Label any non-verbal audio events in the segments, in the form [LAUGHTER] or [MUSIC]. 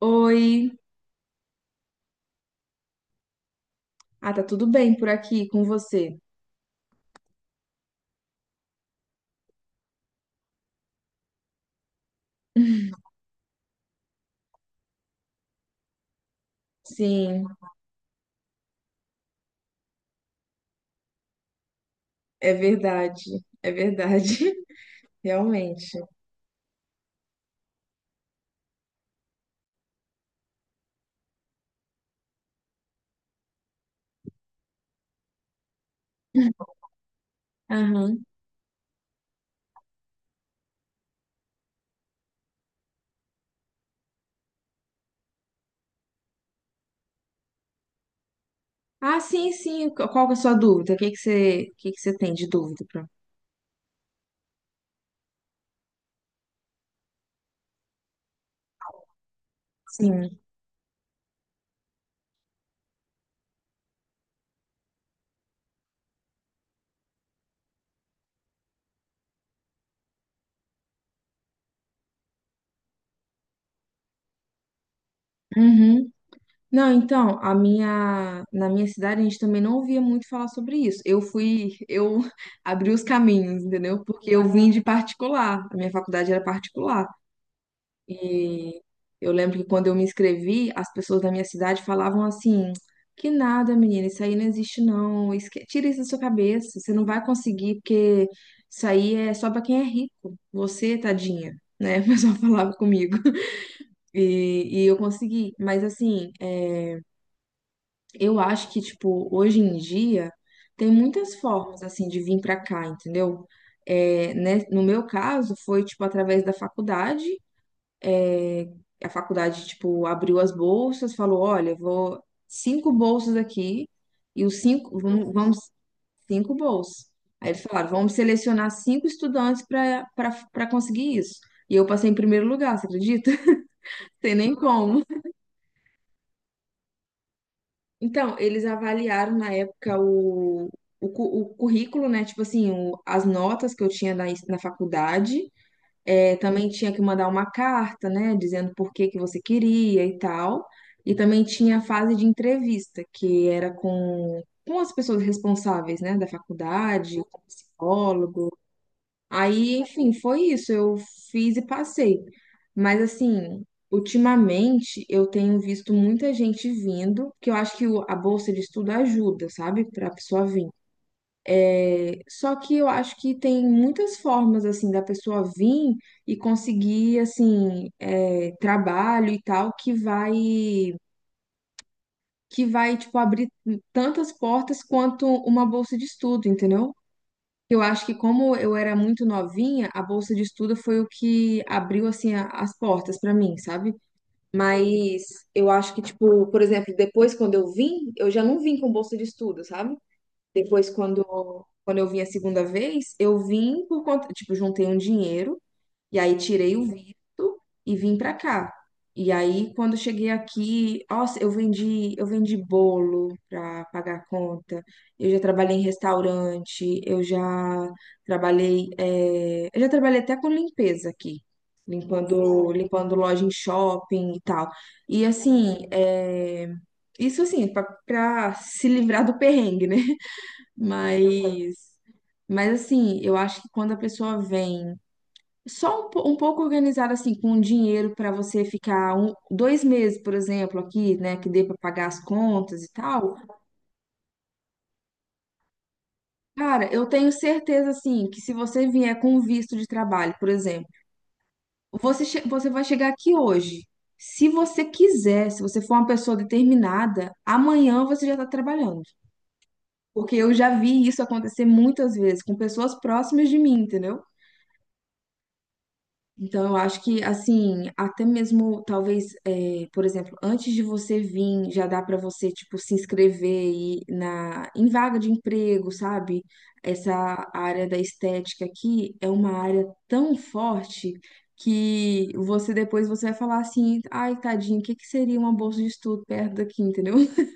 Oi. Ah, tá tudo bem por aqui com você? Sim, é verdade. É verdade. [LAUGHS] Realmente. Aham. Ah, sim, sim. Qual que é a sua dúvida? O que que você, o que que você tem de dúvida pra... Sim. Uhum. Não, então, na minha cidade a gente também não ouvia muito falar sobre isso. Eu fui. Eu [LAUGHS] abri os caminhos, entendeu? Porque eu vim de particular. A minha faculdade era particular. E eu lembro que quando eu me inscrevi, as pessoas da minha cidade falavam assim: que nada, menina, isso aí não existe não. Tira isso da sua cabeça, você não vai conseguir, porque isso aí é só pra quem é rico, você, tadinha, né? [LAUGHS] O pessoal falava comigo. [LAUGHS] E eu consegui, mas assim, é, eu acho que, tipo, hoje em dia tem muitas formas, assim, de vir pra cá, entendeu? É, né, no meu caso, foi, tipo, através da faculdade. A faculdade, tipo, abriu as bolsas, falou, olha, vou cinco bolsas aqui e os cinco, cinco bolsas. Aí eles falaram, vamos selecionar cinco estudantes para conseguir isso. E eu passei em primeiro lugar, você acredita? [LAUGHS] Tem nem como. Então, eles avaliaram na época o currículo, né? Tipo assim, as notas que eu tinha na faculdade. É, também tinha que mandar uma carta, né, dizendo por que que você queria e tal. E também tinha a fase de entrevista, que era com as pessoas responsáveis, né, da faculdade, com o psicólogo. Aí, enfim, foi isso. Eu fiz e passei. Mas, assim, ultimamente eu tenho visto muita gente vindo, que eu acho que a bolsa de estudo ajuda, sabe, para a pessoa vir. Só que eu acho que tem muitas formas, assim, da pessoa vir e conseguir, assim, é, trabalho e tal, tipo, abrir tantas portas quanto uma bolsa de estudo, entendeu? Eu acho que como eu era muito novinha, a bolsa de estudo foi o que abriu, assim, as portas pra mim, sabe? Mas eu acho que, tipo, por exemplo, depois quando eu vim, eu já não vim com bolsa de estudo, sabe? Depois, quando eu vim a segunda vez, eu vim por conta, tipo, juntei um dinheiro e aí tirei o visto e vim pra cá. E aí, quando cheguei aqui, nossa, eu vendi bolo pra pagar a conta. Eu já trabalhei em restaurante, eu já trabalhei, eu já trabalhei até com limpeza aqui, limpando loja em shopping e tal. E assim, isso assim, pra se livrar do perrengue, né? Mas, mas assim, eu acho que quando a pessoa vem um pouco organizada, assim, com dinheiro para você ficar um, dois meses, por exemplo, aqui, né, que dê para pagar as contas e tal, cara, eu tenho certeza, assim, que se você vier com um visto de trabalho, por exemplo, você vai chegar aqui hoje. Se você quiser, se você for uma pessoa determinada, amanhã você já está trabalhando. Porque eu já vi isso acontecer muitas vezes com pessoas próximas de mim, entendeu? Então, eu acho que, assim, até mesmo, talvez, é, por exemplo, antes de você vir, já dá para você, tipo, se inscrever em vaga de emprego, sabe? Essa área da estética aqui é uma área tão forte que você depois você vai falar assim, ai, tadinho, o que que seria uma bolsa de estudo perto daqui, entendeu? [LAUGHS]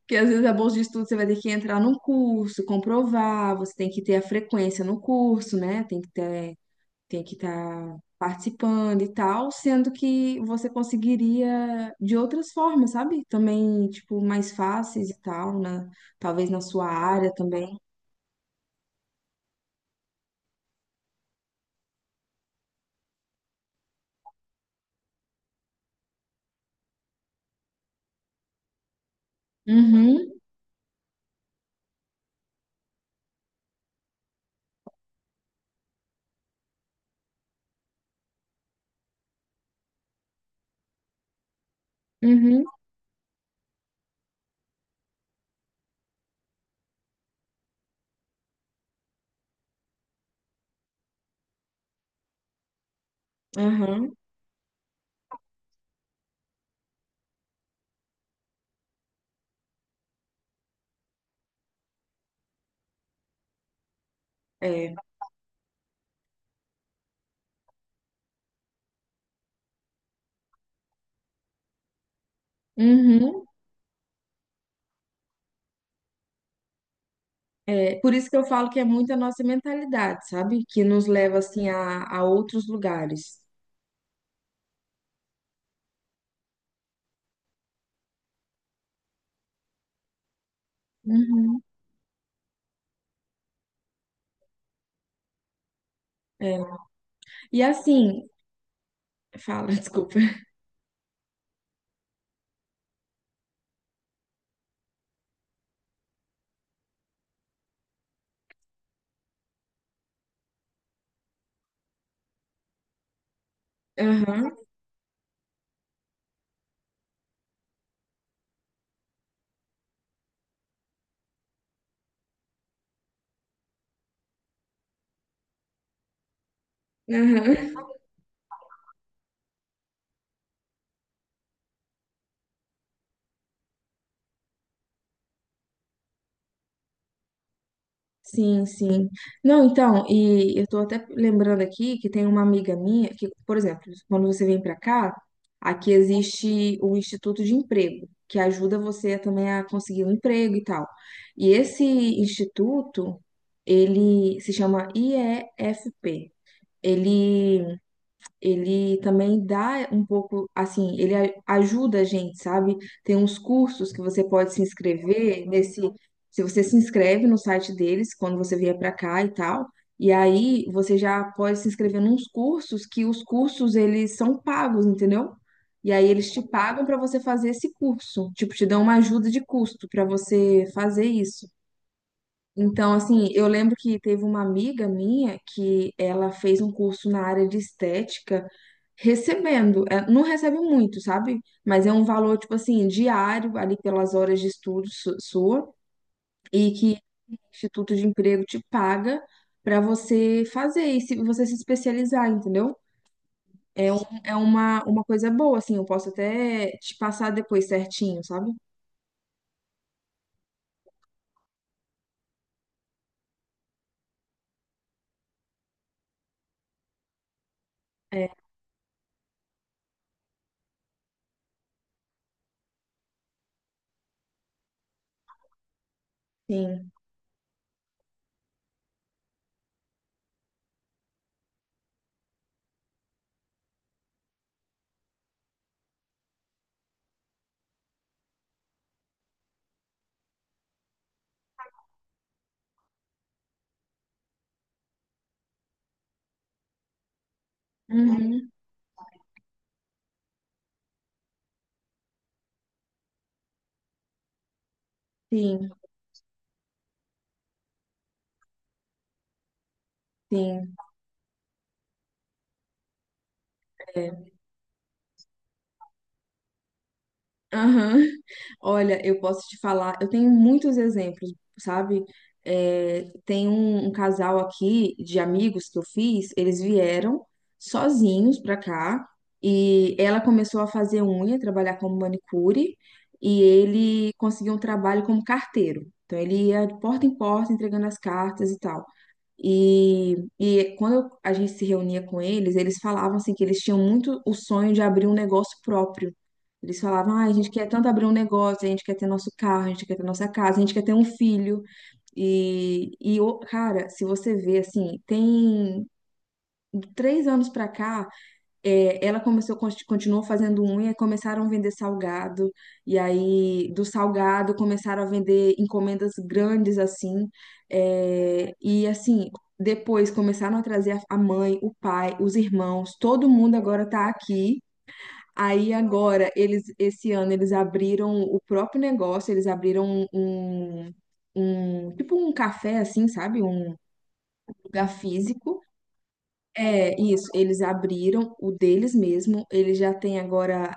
Porque às vezes a bolsa de estudo você vai ter que entrar num curso, comprovar, você tem que ter a frequência no curso, né? Tem que estar participando e tal, sendo que você conseguiria de outras formas, sabe? Também, tipo, mais fáceis e tal, né? Talvez na sua área também. Uhum, uhum, uhum. É, uhum, é, por isso que eu falo que é muito a nossa mentalidade, sabe? Que nos leva, assim, a outros lugares. Uhum, é. E assim, fala, [LAUGHS] desculpa. Aham, aham. Sim, sim. Não, então, e eu tô até lembrando aqui que tem uma amiga minha que, por exemplo, quando você vem pra cá, aqui existe o Instituto de Emprego, que ajuda você também a conseguir um emprego e tal. E esse instituto, ele se chama IEFP. Ele ele também dá um pouco, assim, ele ajuda a gente, sabe? Tem uns cursos que você pode se inscrever nesse, se você se inscreve no site deles quando você vier para cá e tal, e aí você já pode se inscrever nos cursos, que os cursos eles são pagos, entendeu? E aí eles te pagam para você fazer esse curso, tipo, te dão uma ajuda de custo para você fazer isso. Então, assim, eu lembro que teve uma amiga minha que ela fez um curso na área de estética, recebendo, é, não recebe muito, sabe? Mas é um valor, tipo assim, diário, ali pelas horas de estudo sua, e que o Instituto de Emprego te paga para você fazer e se você se especializar, entendeu? É, um, é uma coisa boa, assim, eu posso até te passar depois certinho, sabe? É, sim. Uhum, sim, sim. É. Aham. Olha, eu posso te falar, eu tenho muitos exemplos, sabe? É, tem um, um casal aqui de amigos que eu fiz, eles vieram sozinhos pra cá e ela começou a fazer unha, trabalhar como manicure e ele conseguiu um trabalho como carteiro. Então ele ia de porta em porta entregando as cartas e tal. E quando a gente se reunia com eles, eles falavam assim que eles tinham muito o sonho de abrir um negócio próprio. Eles falavam, ah, a gente quer tanto abrir um negócio, a gente quer ter nosso carro, a gente quer ter nossa casa, a gente quer ter um filho. E cara, se você vê assim, tem de três anos pra cá, é, ela começou, continuou fazendo unha, e começaram a vender salgado, e aí do salgado começaram a vender encomendas grandes assim, é, e assim, depois começaram a trazer a mãe, o pai, os irmãos, todo mundo agora tá aqui. Aí agora, eles, esse ano, eles abriram o próprio negócio, eles abriram um, um, tipo um café assim, sabe? Um lugar físico. É, isso, eles abriram o deles mesmo, eles já têm agora,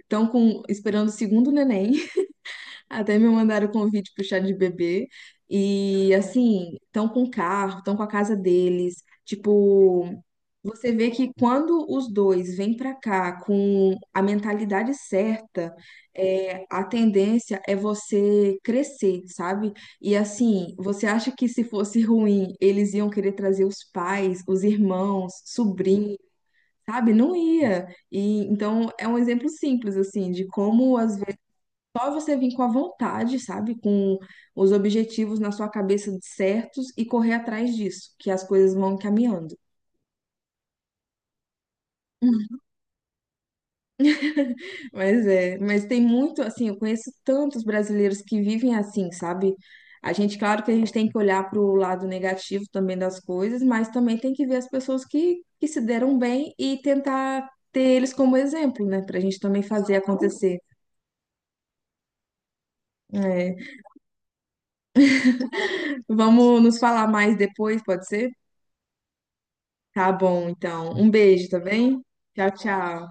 estão com, esperando o segundo neném, até me mandaram o convite pro chá de bebê. E assim, estão com o carro, estão com a casa deles. Tipo, você vê que quando os dois vêm pra cá com a mentalidade certa, é, a tendência é você crescer, sabe? E assim, você acha que se fosse ruim, eles iam querer trazer os pais, os irmãos, sobrinhos, sabe? Não ia. E então é um exemplo simples assim de como às só você vir com a vontade, sabe? Com os objetivos na sua cabeça certos e correr atrás disso, que as coisas vão caminhando. [LAUGHS] Mas é, mas tem muito assim, eu conheço tantos brasileiros que vivem assim, sabe? A gente, claro que a gente tem que olhar para o lado negativo também das coisas, mas também tem que ver as pessoas que se deram bem e tentar ter eles como exemplo, né? Para a gente também fazer acontecer. É. Vamos nos falar mais depois, pode ser? Tá bom, então. Um beijo, tá bem? Tchau, tchau.